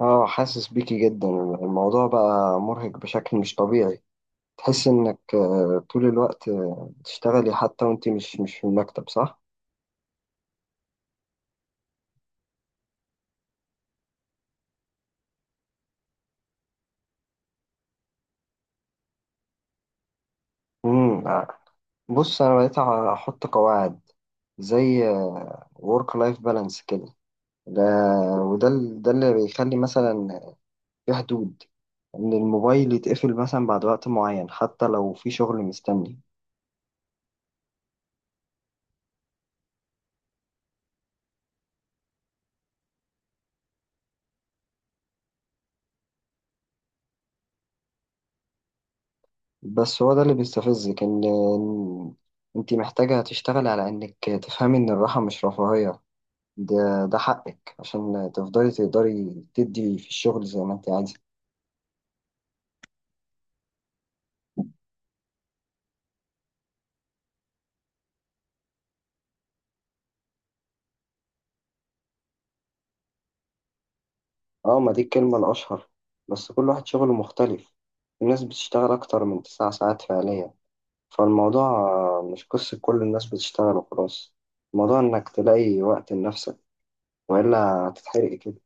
اه، حاسس بيكي جدا. الموضوع بقى مرهق بشكل مش طبيعي. تحس انك طول الوقت بتشتغلي حتى وانت مش في المكتب، صح؟ امم آه. بص، انا بقيت احط قواعد، زي ورك لايف بالانس كده. ده ده اللي بيخلي مثلا في حدود، ان الموبايل يتقفل مثلا بعد وقت معين حتى لو في شغل مستني. بس هو ده اللي بيستفزك. إن انت محتاجة تشتغل على انك تفهمي ان الراحة مش رفاهية. ده حقك عشان تفضلي تقدري تدي في الشغل زي ما انت عايزة. اه، ما دي الكلمة الأشهر، بس كل واحد شغله مختلف. الناس بتشتغل أكتر من تسع ساعات فعليا، فالموضوع مش قصة كل الناس بتشتغل وخلاص. الموضوع إنك تلاقي وقت لنفسك، وإلا هتتحرقي كده.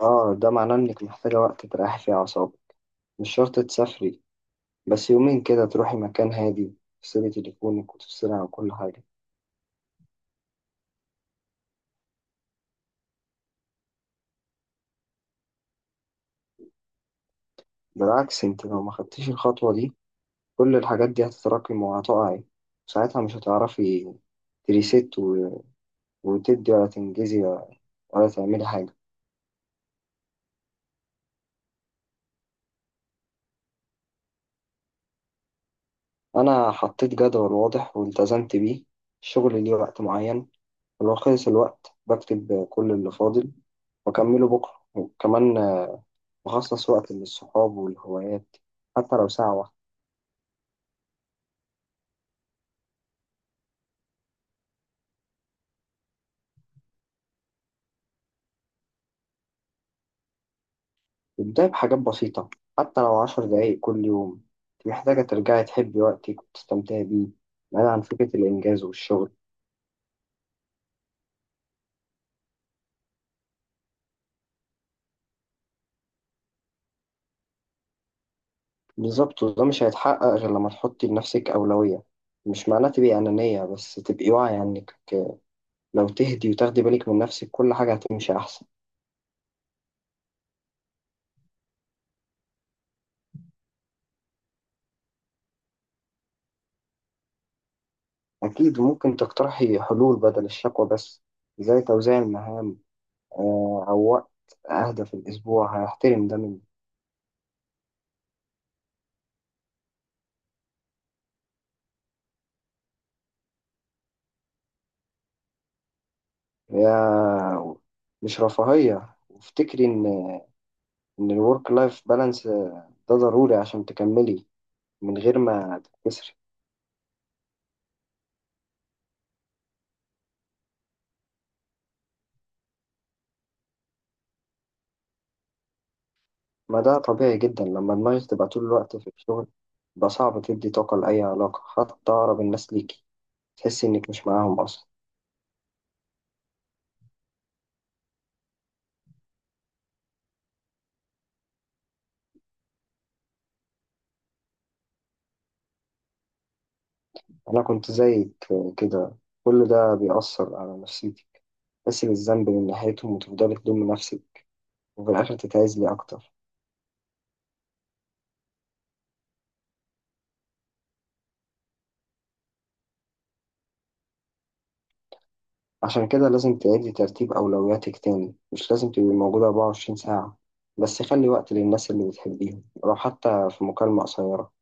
اه، ده معناه إنك محتاجة وقت تريحي فيه أعصابك. مش شرط تسافري، بس يومين كده تروحي مكان هادي، تفصلي تليفونك وتفصلي عن كل حاجة. بالعكس، انت لو ما خدتيش الخطوة دي، كل الحاجات دي هتتراكم وهتقعي. ساعتها مش هتعرفي تريست و- وتدي ولا تنجزي ولا تعملي حاجة. أنا حطيت جدول واضح والتزمت بيه. الشغل ليه وقت معين، ولو خلص الوقت بكتب كل اللي فاضل وأكمله بكرة. وكمان بخصص وقت للصحاب والهوايات، حتى لو ساعة واحدة. ابدأي بحاجات بسيطة، حتى لو عشر دقايق كل يوم. أنت محتاجة ترجعي تحبي وقتك وتستمتعي بيه، بعيد عن فكرة الإنجاز والشغل. بالظبط، وده مش هيتحقق غير لما تحطي لنفسك أولوية. مش معناه تبقي أنانية، بس تبقي واعية إنك لو تهدي وتاخدي بالك من نفسك كل حاجة هتمشي أحسن. أكيد، ممكن تقترحي حلول بدل الشكوى بس، زي توزيع المهام، أو وقت أهدى في الأسبوع. هيحترم ده مني. يا مش رفاهية، وافتكري إن الورك لايف بالانس ده ضروري عشان تكملي من غير ما تتكسري. ما ده طبيعي جدا، لما دماغك تبقى طول الوقت في الشغل يبقى صعب تدي طاقة لأي علاقة، حتى أقرب الناس ليكي تحسي إنك مش معاهم أصلا. أنا كنت زيك كده. كل ده بيأثر على نفسيتك، تحسي بالذنب من ناحيتهم وتفضلي تلومي نفسك، وفي الآخر تتعزلي أكتر. عشان كده لازم تعيدي ترتيب أولوياتك تاني. مش لازم تبقي موجودة 24 ساعة، بس خلي وقت للناس اللي بتحبيهم، لو حتى في مكالمة قصيرة.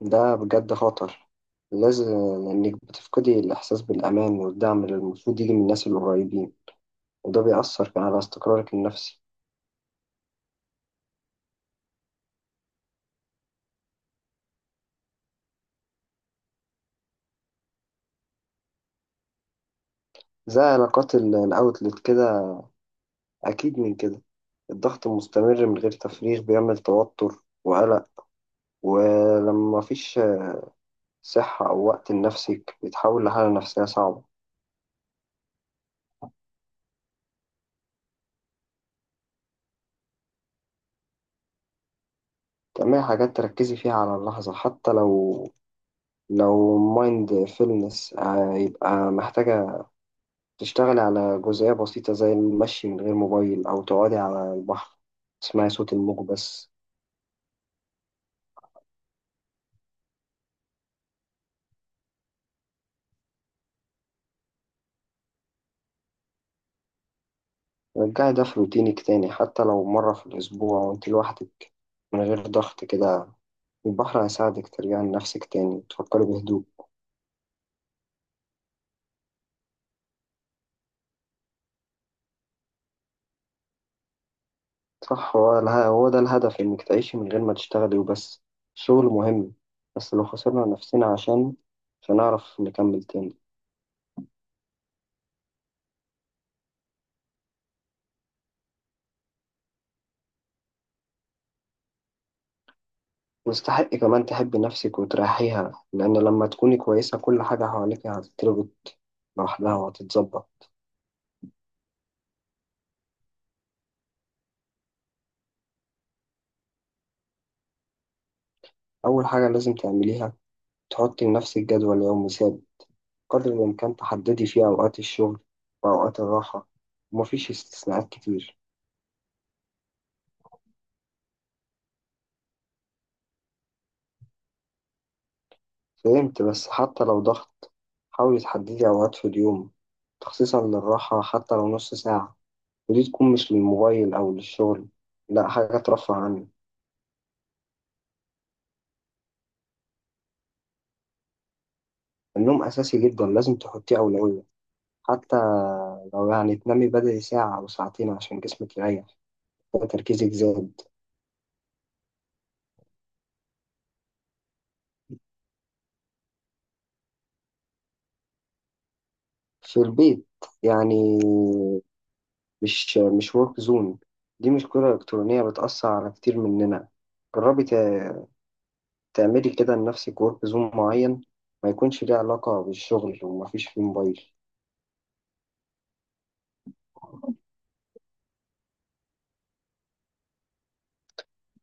ده بجد خطر. لازم، إنك بتفقدي الإحساس بالأمان والدعم اللي المفروض يجي من الناس القريبين، وده بيأثر كمان على استقرارك النفسي. زي علاقات الأوتلت كده. أكيد من كده، الضغط المستمر من غير تفريغ بيعمل توتر وقلق، ولما مفيش صحة أو وقت لنفسك بيتحول لحالة نفسية صعبة. تعملي حاجات تركزي فيها على اللحظة، حتى لو مايند فيلنس. هيبقى محتاجة تشتغلي على جزئية بسيطة زي المشي من غير موبايل، أو تقعدي على البحر تسمعي صوت الموج بس. رجعي ده في روتينك تاني، حتى لو مرة في الأسبوع وأنت لوحدك، من غير ضغط كده. البحر هيساعدك ترجعي لنفسك تاني، تفكري بهدوء. صح، هو ده الهدف، إنك تعيشي من غير ما تشتغلي وبس. الشغل مهم، بس لو خسرنا نفسنا عشان مش هنعرف نكمل تاني. مستحق كمان تحبي نفسك وتريحيها، لأن لما تكوني كويسة كل حاجة حواليك هتتربط لوحدها وهتتظبط. أول حاجة لازم تعمليها، تحطي لنفسك جدول يومي ثابت، قدر الإمكان تحددي فيه أوقات الشغل وأوقات الراحة، ومفيش استثناءات كتير. فهمت، بس حتى لو ضغط حاولي تحددي أوقات في اليوم تخصيصا للراحة، حتى لو نص ساعة، ودي تكون مش للموبايل أو للشغل، لأ حاجة ترفه عنك. النوم أساسي جدا، لازم تحطيه أولوية. حتى لو يعني تنامي بدري ساعة أو ساعتين عشان جسمك يريح، تركيزك زاد. في البيت يعني مش ورك زون. دي مشكلة إلكترونية بتأثر على كتير مننا. جربي تعملي كده لنفسك ورك زون معين، ما يكونش ليه علاقة بالشغل ومفيش فيه موبايل.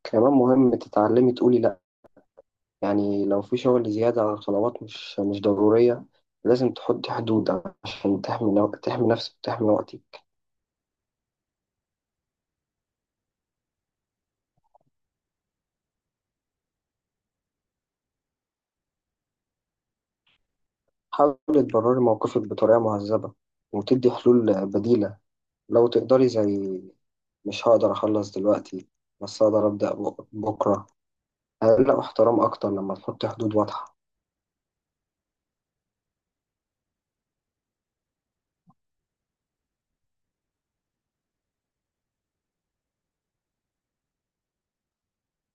كمان مهم تتعلمي تقولي لأ. يعني لو في شغل زيادة أو طلبات مش ضرورية، لازم تحطي حدود عشان تحمي نفسك وتحمي وقتك. حاولي تبرري موقفك بطريقة مهذبة، وتدي حلول بديلة لو تقدري، زي مش هقدر أخلص دلوقتي بس أقدر أبدأ بكرة. هيلاقوا احترام أكتر لما تحطي حدود واضحة.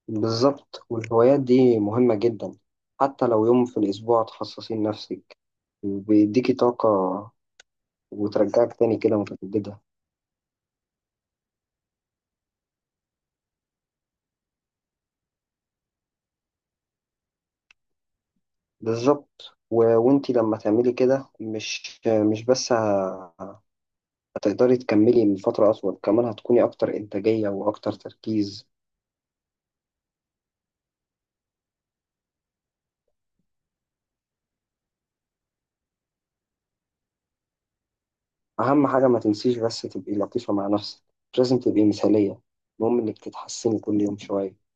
بالظبط، والهوايات دي مهمة جدا. حتى لو يوم في الأسبوع تخصصي لنفسك، بيديكي طاقة وترجعك تاني كده متجددة. بالظبط، وانتي لما تعملي كده مش بس هتقدري تكملي من فترة أطول، كمان هتكوني أكتر إنتاجية وأكتر تركيز. أهم حاجة ما تنسيش، بس تبقي لطيفة مع نفسك. مش لازم تبقي مثالية، المهم إنك تتحسني كل يوم شوية.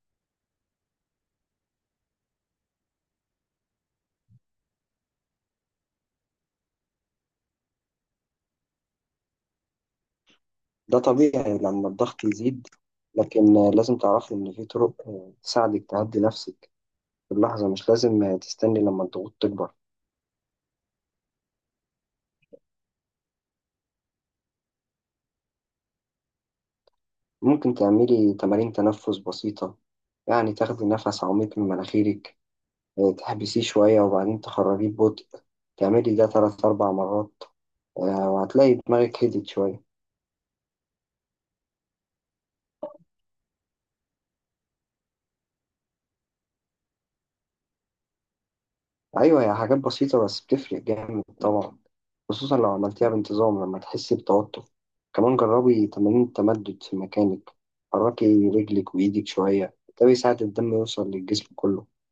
ده طبيعي لما الضغط يزيد، لكن لازم تعرفي إن في طرق تساعدك تهدي نفسك في اللحظة. مش لازم تستني لما الضغوط تكبر. ممكن تعملي تمارين تنفس بسيطة. يعني تاخدي نفس عميق من مناخيرك، تحبسيه شوية وبعدين تخرجيه ببطء. تعملي ده تلات أربع مرات، وهتلاقي دماغك هدت شوية. أيوة، هي حاجات بسيطة بس بتفرق جامد طبعا، خصوصا لو عملتيها بانتظام لما تحسي بتوتر. كمان جربي تمارين التمدد في مكانك، حركي رجلك وإيدك شوية. ده بيساعد الدم يوصل للجسم كله.